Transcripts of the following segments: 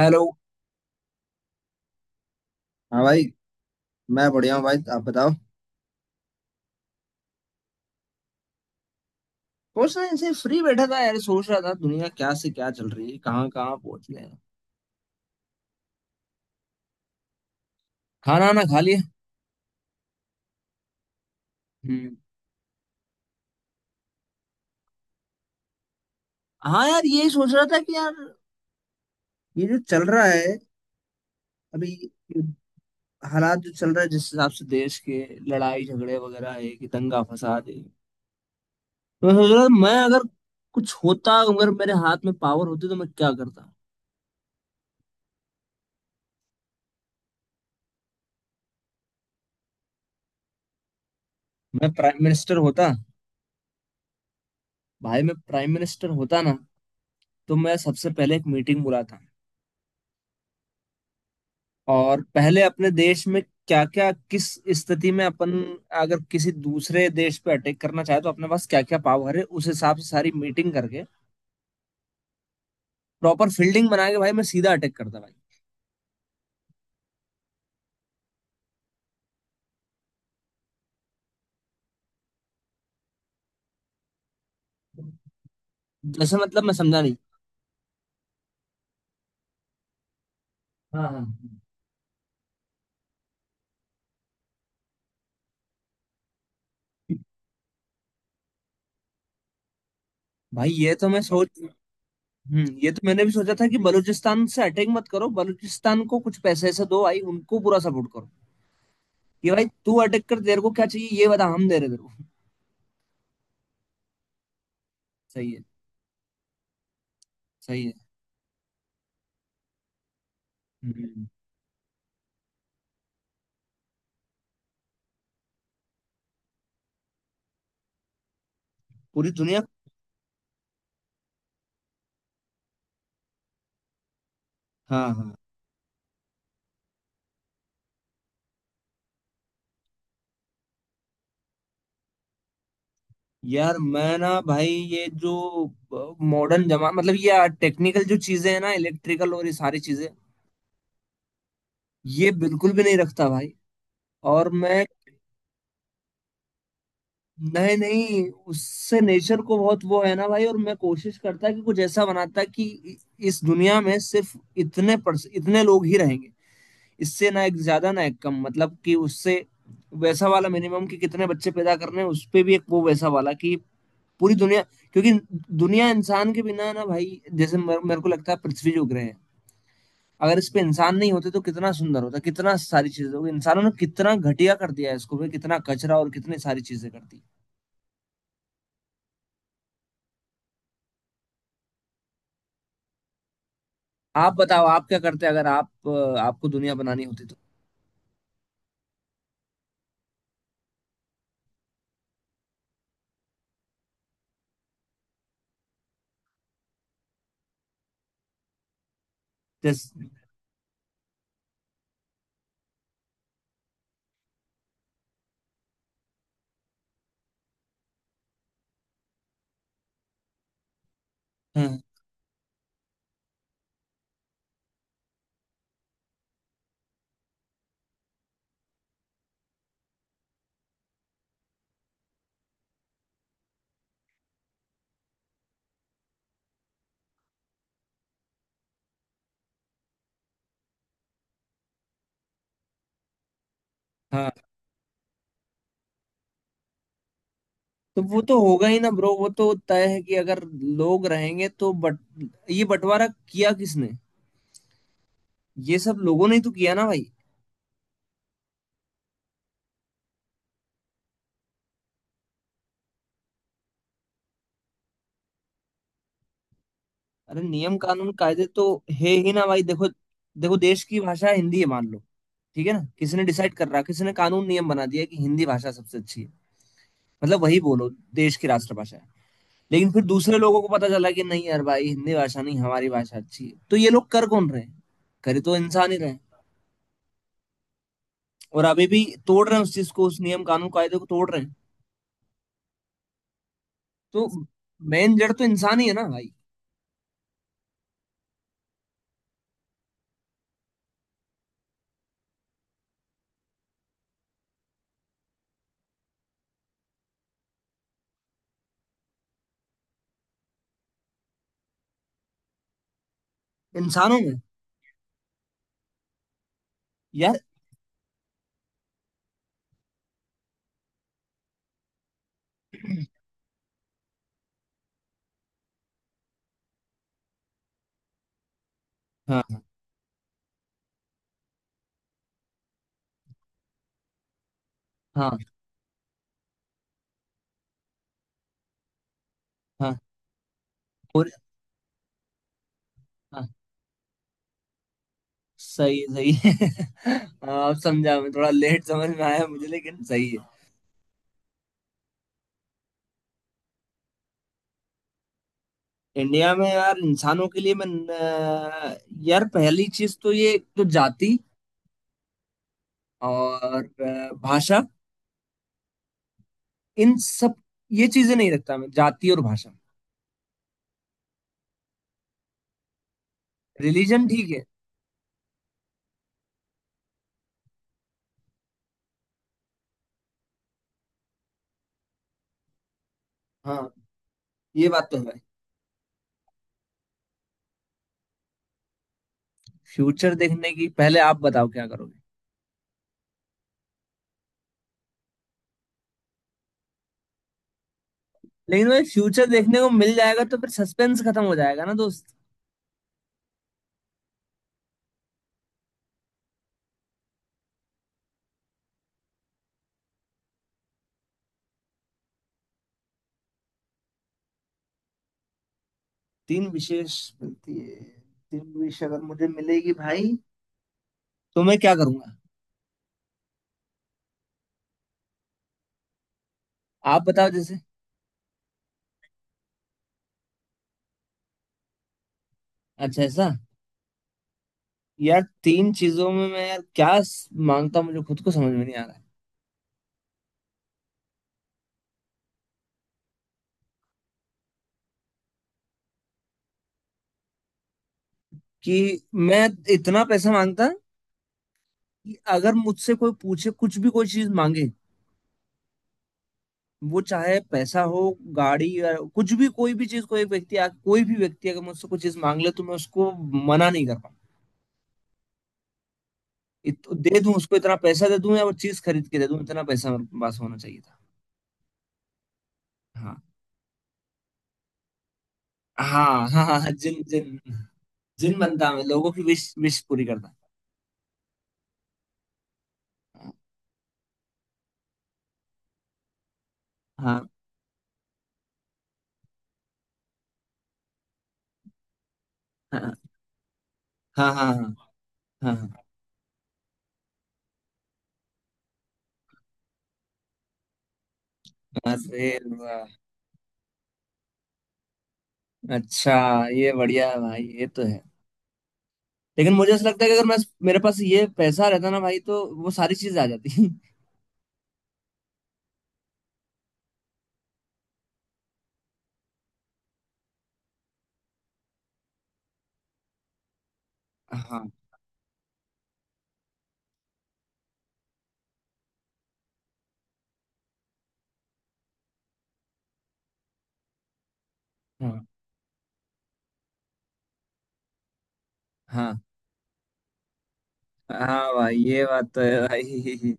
Hello. हाँ भाई, मैं बढ़िया हूँ भाई, आप बताओ। कुछ नहीं, ऐसे फ्री बैठा था यार, सोच रहा था दुनिया क्या से क्या चल रही है, कहाँ कहाँ पहुंच गए हैं। खाना वाना खा लिया। हम्म। हाँ यार, ये सोच रहा था कि यार ये जो चल रहा है अभी, ये हालात जो चल रहा है जिस हिसाब से देश के, लड़ाई झगड़े वगैरह है कि दंगा फसाद है। तो मैं सोच रहा था, मैं अगर कुछ होता, अगर मेरे हाथ में पावर होती तो मैं क्या करता। मैं प्राइम मिनिस्टर होता। भाई मैं प्राइम मिनिस्टर होता ना, तो मैं सबसे पहले एक मीटिंग बुलाता, और पहले अपने देश में क्या क्या किस स्थिति में अपन, अगर किसी दूसरे देश पे अटैक करना चाहे तो अपने पास क्या क्या पावर है, उस हिसाब से सारी मीटिंग करके प्रॉपर फील्डिंग बना के भाई मैं सीधा अटैक करता भाई। जैसे मतलब, मैं समझा नहीं। हाँ हाँ। भाई ये तो मैं सोच। हम्म, ये तो मैंने भी सोचा था कि बलूचिस्तान से अटैक मत करो, बलूचिस्तान को कुछ पैसे ऐसे दो भाई, उनको पूरा सपोर्ट करो। ये भाई तू अटैक कर, तेरे को क्या चाहिए ये बता, हम दे रहे तेरे को। सही है। सही है। हम्म। पूरी दुनिया। हाँ हाँ। यार मैं ना भाई, ये जो मॉडर्न जमा मतलब ये टेक्निकल जो चीजें हैं ना, इलेक्ट्रिकल और ये सारी चीजें ये बिल्कुल भी नहीं रखता भाई। और मैं, नहीं नहीं, उससे नेचर को बहुत वो है ना भाई। और मैं कोशिश करता कि कुछ ऐसा बनाता कि इस दुनिया में सिर्फ इतने पर्स इतने लोग ही रहेंगे। इससे ना एक ज्यादा ना एक कम, मतलब कि उससे वैसा वाला मिनिमम कि कितने बच्चे पैदा करने हैं, उस पे भी एक वो वैसा वाला कि पूरी दुनिया। क्योंकि दुनिया इंसान के बिना ना भाई, जैसे मेरे मेरे को लगता है पृथ्वी जो ग्रह है, अगर इस पे इंसान नहीं होते तो कितना सुंदर होता, कितना सारी चीजें होती। इंसानों ने कितना घटिया कर दिया है इसको भाई, कितना कचरा और कितनी सारी चीजें कर दी। आप बताओ, आप क्या करते अगर आप आपको दुनिया बनानी होती तो। जैसे। हाँ हाँ। तो वो तो होगा ही ना ब्रो, वो तो तय है कि अगर लोग रहेंगे तो, बट ये बंटवारा किया किसने, ये सब लोगों ने ही तो किया ना भाई। अरे नियम कानून कायदे तो है ही ना भाई। देखो, देखो देश की भाषा हिंदी है, मान लो, ठीक है ना, किसी ने डिसाइड कर रहा, किसी ने कानून नियम बना दिया कि हिंदी भाषा सबसे अच्छी है, मतलब वही बोलो, देश की राष्ट्रभाषा है। लेकिन फिर दूसरे लोगों को पता चला कि नहीं यार भाई, हिंदी भाषा नहीं हमारी भाषा अच्छी है, तो ये लोग कर कौन रहे हैं, कर तो इंसान ही रहे हैं। और अभी भी तोड़ रहे हैं उस चीज को, उस नियम कानून कायदे को तोड़ रहे हैं। तो मेन जड़ तो इंसान ही है ना भाई। इंसानों में, यार। हाँ हाँ हाँ। और हाँ। सही सही है। हाँ, अब समझा, मैं थोड़ा लेट समझ में आया मुझे, लेकिन सही है। इंडिया में, यार इंसानों के लिए मैं, अ, यार पहली चीज तो ये तो जाति और भाषा, इन सब, ये चीजें नहीं रखता मैं, जाति और भाषा, रिलीजन। ठीक है। हाँ ये बात तो है। फ्यूचर देखने की पहले आप बताओ क्या करोगे। लेकिन भाई फ्यूचर देखने को मिल जाएगा तो फिर सस्पेंस खत्म हो जाएगा ना दोस्त। तीन विशेष मिलती है, तीन विशेष अगर मुझे मिलेगी भाई, तो मैं क्या करूंगा। आप बताओ जैसे। अच्छा, ऐसा। यार तीन चीजों में मैं यार क्या मांगता हूं, मुझे खुद को समझ में नहीं आ रहा है। कि मैं इतना पैसा मांगता कि अगर मुझसे कोई पूछे, कुछ भी कोई चीज मांगे, वो चाहे पैसा हो, गाड़ी या कुछ भी, कोई भी चीज, कोई व्यक्ति आ, कोई भी व्यक्ति अगर मुझसे कोई चीज मांग ले तो मैं उसको मना नहीं कर पाऊँ। दे दूं उसको, इतना पैसा दे दूं या वो चीज खरीद के दे दूं, इतना पैसा मेरे पास होना चाहिए था। हाँ। हाँ हाँ हाँ, जिन जिन, जिन बनता, मैं लोगों की विश विश पूरी करता। हाँ हाँ हाँ। हाँ हाँ हाँ हाँ। अरे वाह। अच्छा, ये बढ़िया है भाई, ये तो है। लेकिन मुझे ऐसा लगता है कि अगर मैं, मेरे पास ये पैसा रहता ना भाई, तो वो सारी चीजें आ जाती। हाँ हाँ। हाँ हाँ भाई ये बात तो है भाई।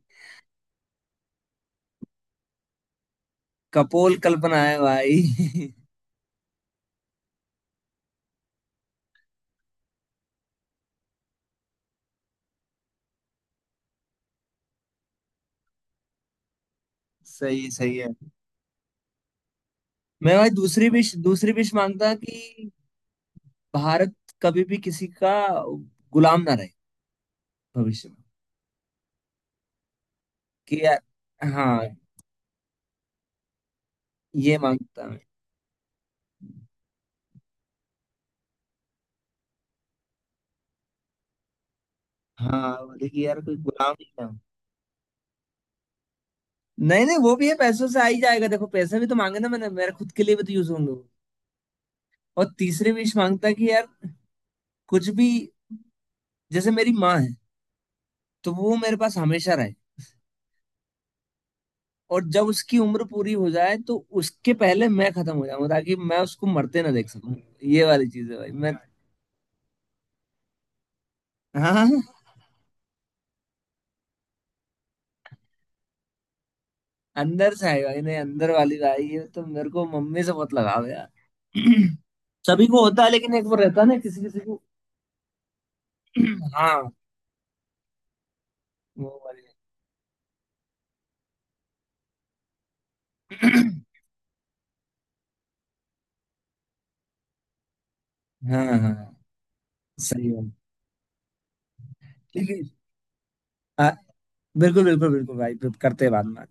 कपोल कल्पना है भाई। सही सही है। मैं भाई दूसरी विश, दूसरी विश मांगता कि भारत कभी भी किसी का गुलाम ना रहे भविष्य में। कि यार, हाँ, ये मांगता मैं। हाँ, बोले कि यार कोई गुलाम नहीं। नहीं नहीं, वो भी है, पैसों से आ ही जाएगा देखो, पैसे भी तो मांगे ना मैंने, मेरे खुद के लिए भी तो यूज होंगे वो। और तीसरी विश मांगता है कि यार कुछ भी, जैसे मेरी माँ है, तो वो मेरे पास हमेशा रहे। और जब उसकी उम्र पूरी हो जाए तो उसके पहले मैं खत्म हो जाऊं, ताकि मैं उसको मरते ना देख सकूं। ये वाली चीज है भाई। मैं, हाँ हाँ, अंदर से आई भाई, नहीं अंदर वाली भाई, ये तो मेरे को मम्मी से बहुत लगाव है यार। सभी को होता है, लेकिन एक वो रहता है ना किसी किसी को। हाँ। वो वाली। हाँ हाँ हाँ, सही है। लेकिन बिल्कुल बिल्कुल बिल्कुल भाई, करते हैं बाद में।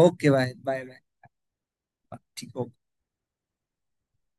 ओके भाई, बाय बाय। ठीक।